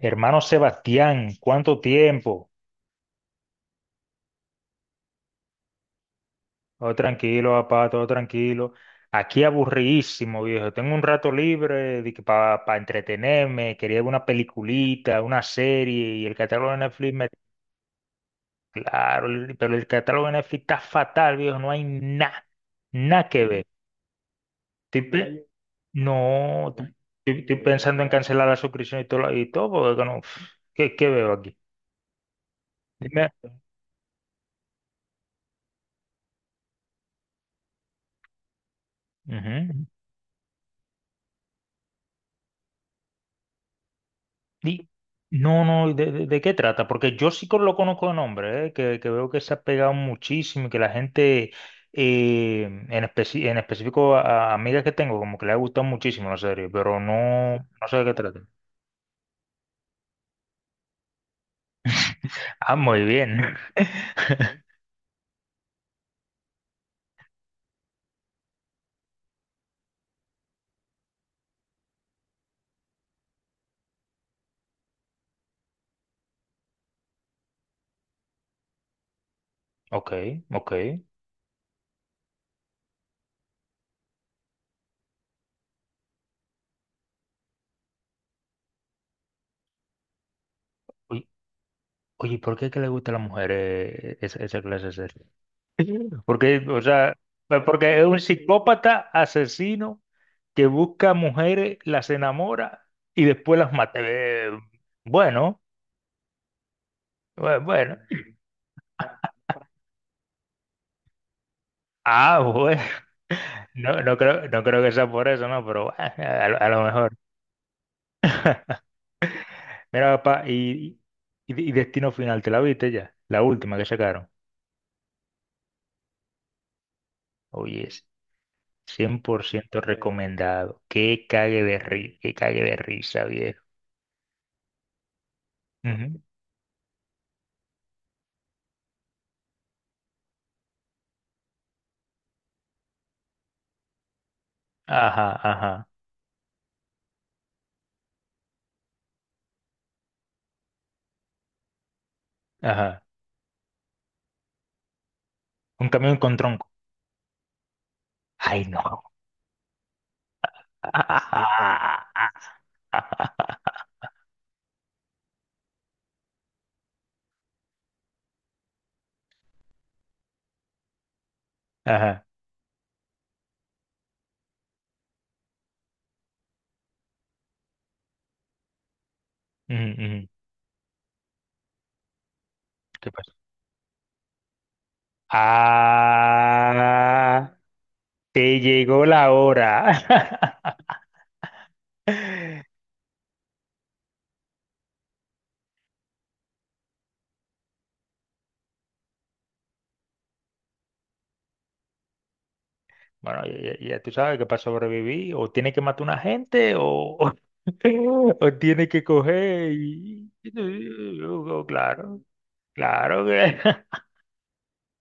Hermano Sebastián, ¿cuánto tiempo? Todo tranquilo, papá, todo tranquilo. Aquí aburridísimo, viejo. Tengo un rato libre para entretenerme. Quería ver una peliculita, una serie y el catálogo de Netflix me. Claro, pero el catálogo de Netflix está fatal, viejo. No hay nada, nada que ver. Estoy pe. No, estoy pensando en cancelar la suscripción y todo, y todo porque no, pff, ¿qué veo aquí? Dime. Ujú. Di. No, no, ¿de qué trata? Porque yo sí lo conozco de nombre, ¿eh? Que veo que se ha pegado muchísimo y que la gente, en específico a amigas que tengo, como que le ha gustado muchísimo la serie, pero no, no sé de qué trata. Ah, muy bien. Ok, ok. Oye, oye, ¿por qué es que le gusta a las mujeres esa, clase de serie? Porque, o sea, pues, porque es un psicópata asesino que busca mujeres, las enamora y después las mata. Bueno, bueno. Ah, bueno, no, no creo que sea por eso, no, pero lo a lo mejor. Mira, papá, y Destino Final, ¿te la viste ya? La última que sacaron. Oye, es 100% recomendado. Que cague de risa, viejo. Ujú. Ajá, ajá, ajá. Un camión con tronco. Ay, no. Ajá. Ujú, ujú. ¿Qué pasa? Ah, te llegó la hora. Bueno, ya tú sabes que para sobrevivir o tiene que matar una gente o, o, tiene que coger y. Claro, claro que.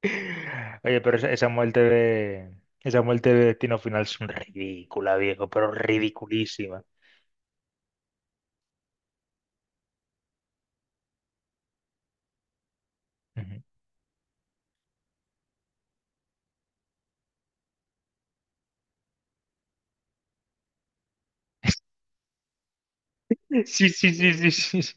Oye, pero esa, muerte de. Esa muerte de Destino Final es un ridícula, viejo, pero ridiculísima. Ujú. Sí, sí, sí, sí, sí, sí.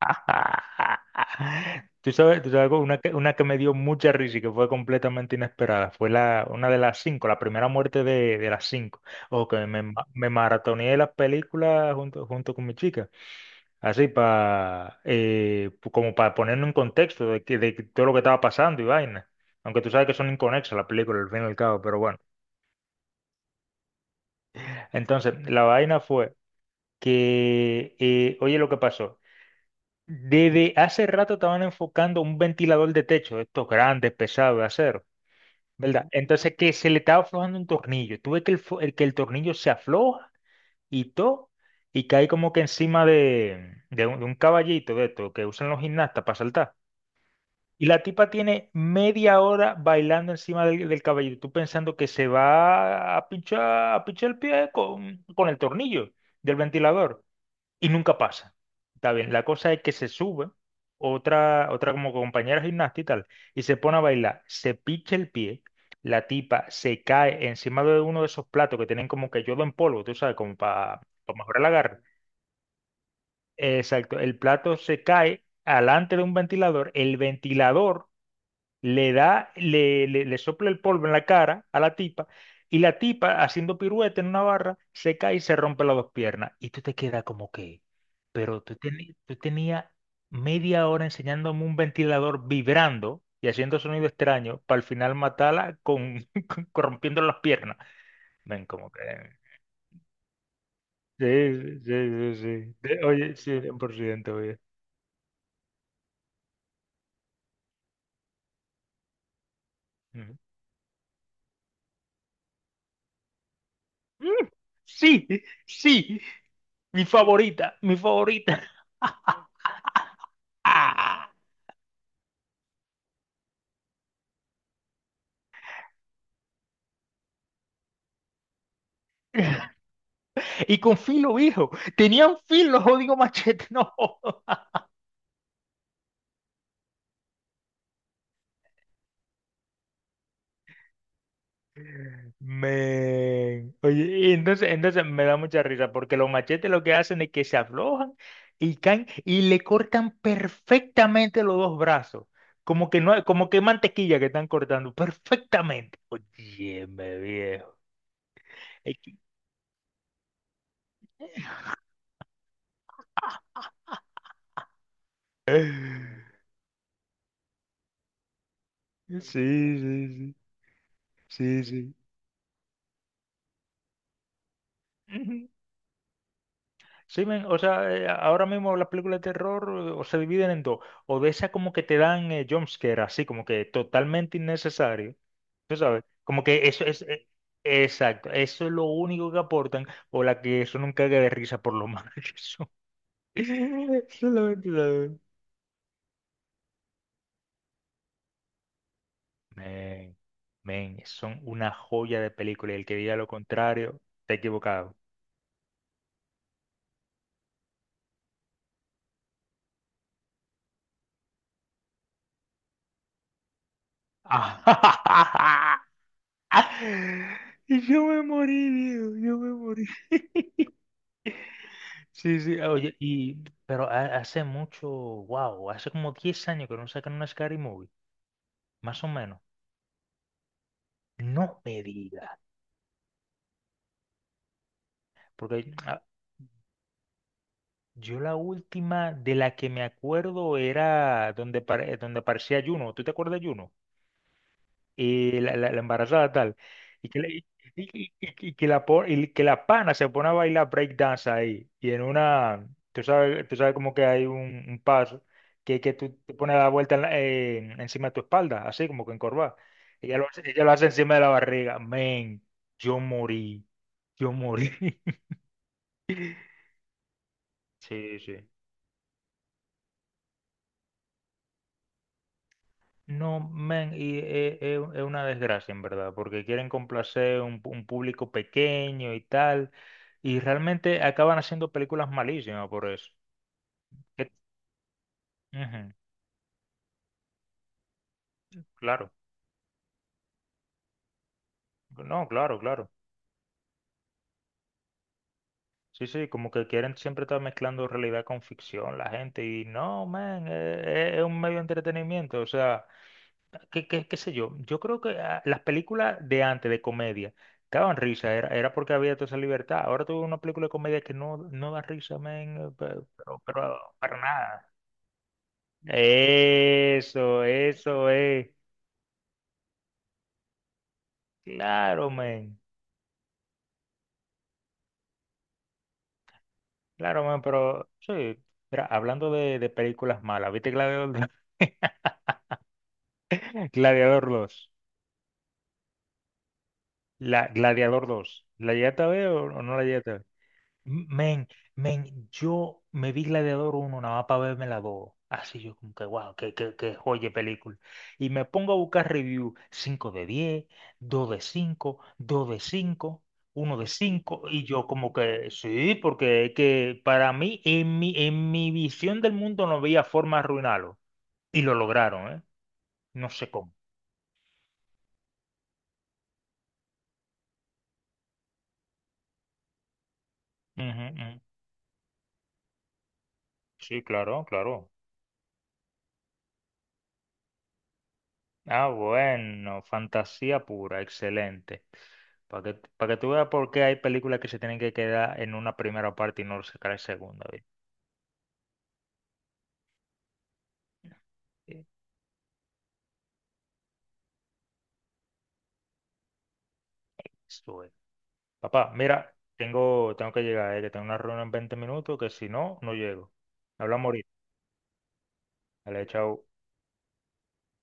¿Tú sabes, tú sabes algo? una que me dio mucha risa y que fue completamente inesperada. Fue una de las cinco, la primera muerte de las cinco. O que me maratoneé las películas junto con mi chica. Así para como para ponerme en contexto de, que todo lo que estaba pasando y vaina. Aunque tú sabes que son inconexas las películas, al fin y al cabo, pero bueno. Entonces, la vaina fue que, oye lo que pasó. Desde hace rato estaban enfocando un ventilador de techo, estos grandes, pesados de acero, ¿verdad? Entonces que se le estaba aflojando un tornillo. Tuve que el que el tornillo se afloja y todo, y cae como que encima de un caballito de esto que usan los gimnastas para saltar. Y la tipa tiene media hora bailando encima del caballito, tú pensando que se va a pinchar el pie con el tornillo del ventilador y nunca pasa. Está bien, la cosa es que se sube otra como compañera gimnasta y tal, y se pone a bailar, se picha el pie, la tipa se cae encima de uno de esos platos que tienen como que yodo en polvo, tú sabes, como para mejorar el agarre. Exacto, el plato se cae alante de un ventilador, el ventilador le da, le sopla el polvo en la cara a la tipa, y la tipa, haciendo pirueta en una barra, se cae y se rompe las dos piernas. Y tú te quedas como que, pero tú tenías media hora enseñándome un ventilador vibrando y haciendo sonido extraño para al final matarla rompiendo las piernas. Ven, como que. Sí, sí, sí, sí. Oye, sí, 100%, oye. Ujú. Mm, sí, sí, mi favorita, mi favorita. ¡Ah! Y con filo, hijo. Tenían filo, jodido machete, no. Men. Oye, y entonces me da mucha risa, porque los machetes lo que hacen es que se aflojan y caen y le cortan perfectamente los dos brazos. Como que no, como que mantequilla que están cortando, perfectamente. Oye, me viejo. Es que. Sí, sí, sí, sí, sí. Sí, men, o sea, ahora mismo las películas de terror o se dividen en dos, o de esas como que te dan jumpscare, así como que totalmente innecesario, tú sabes, como que eso es, exacto, eso es lo único que aportan, o la que eso nunca cague de risa por lo mal que son. Solamente saben. Men, men, son una joya de película y el que diga lo contrario, está equivocado. Y yo me morí, Diego, yo me morí. Sí, sí, oye, pero hace mucho, wow, hace como 10 años que no sacan una Scary Movie, más o menos. No me diga, porque yo la última de la que me acuerdo era donde aparecía Juno, ¿tú te acuerdas de Juno? Y la embarazada tal, y que, la- y, y que la pana se pone a bailar breakdance ahí, y en una, tú sabes como que hay un paso, que tú te pones la vuelta encima de tu espalda, así como que encorvada, ella lo hace encima de la barriga, men, yo morí, yo morí, sí, sí. No, men, y es una desgracia en verdad, porque quieren complacer un público pequeño y tal, y realmente acaban haciendo películas malísimas por eso. Que. Ujú, claro, no, claro, claro. Sí, sí, como que quieren siempre estar mezclando realidad con ficción la gente, y no, men, es un medio de entretenimiento, o sea. Qué sé yo, yo creo que las películas de antes de comedia que daban risa, era porque había toda esa libertad. Ahora tuve una película de comedia que no, da risa, men, pero para nada. Eso es. Claro, men. Claro, men, pero sí. Mira, hablando de películas malas, ¿viste Gladiador dos? Gladiador dos. Gladiador dos, ¿la llegaste a ver o no la llegaste a ver? Men, men, yo me vi Gladiador uno, nada más para verme la dos. Así yo como que, wow, que joya de película. Y me pongo a buscar review 5/10, 2/5, 2/5, 1/5. Y yo como que, sí, porque es que para mí, en mi, visión del mundo no veía forma de arruinarlo. Y lo lograron, ¿eh? No sé cómo. Ujú, ujú. Sí, claro, claro. Ah, bueno, fantasía pura, excelente. Pa' que tú veas por qué hay películas que se tienen que quedar en una primera parte y no sacar la segunda, ¿ve? Eh, Eso es. Papá, mira, tengo que llegar, que tengo una reunión en 20 minutos, que si no, no llego. Hablamos ahorita. Dale, chao.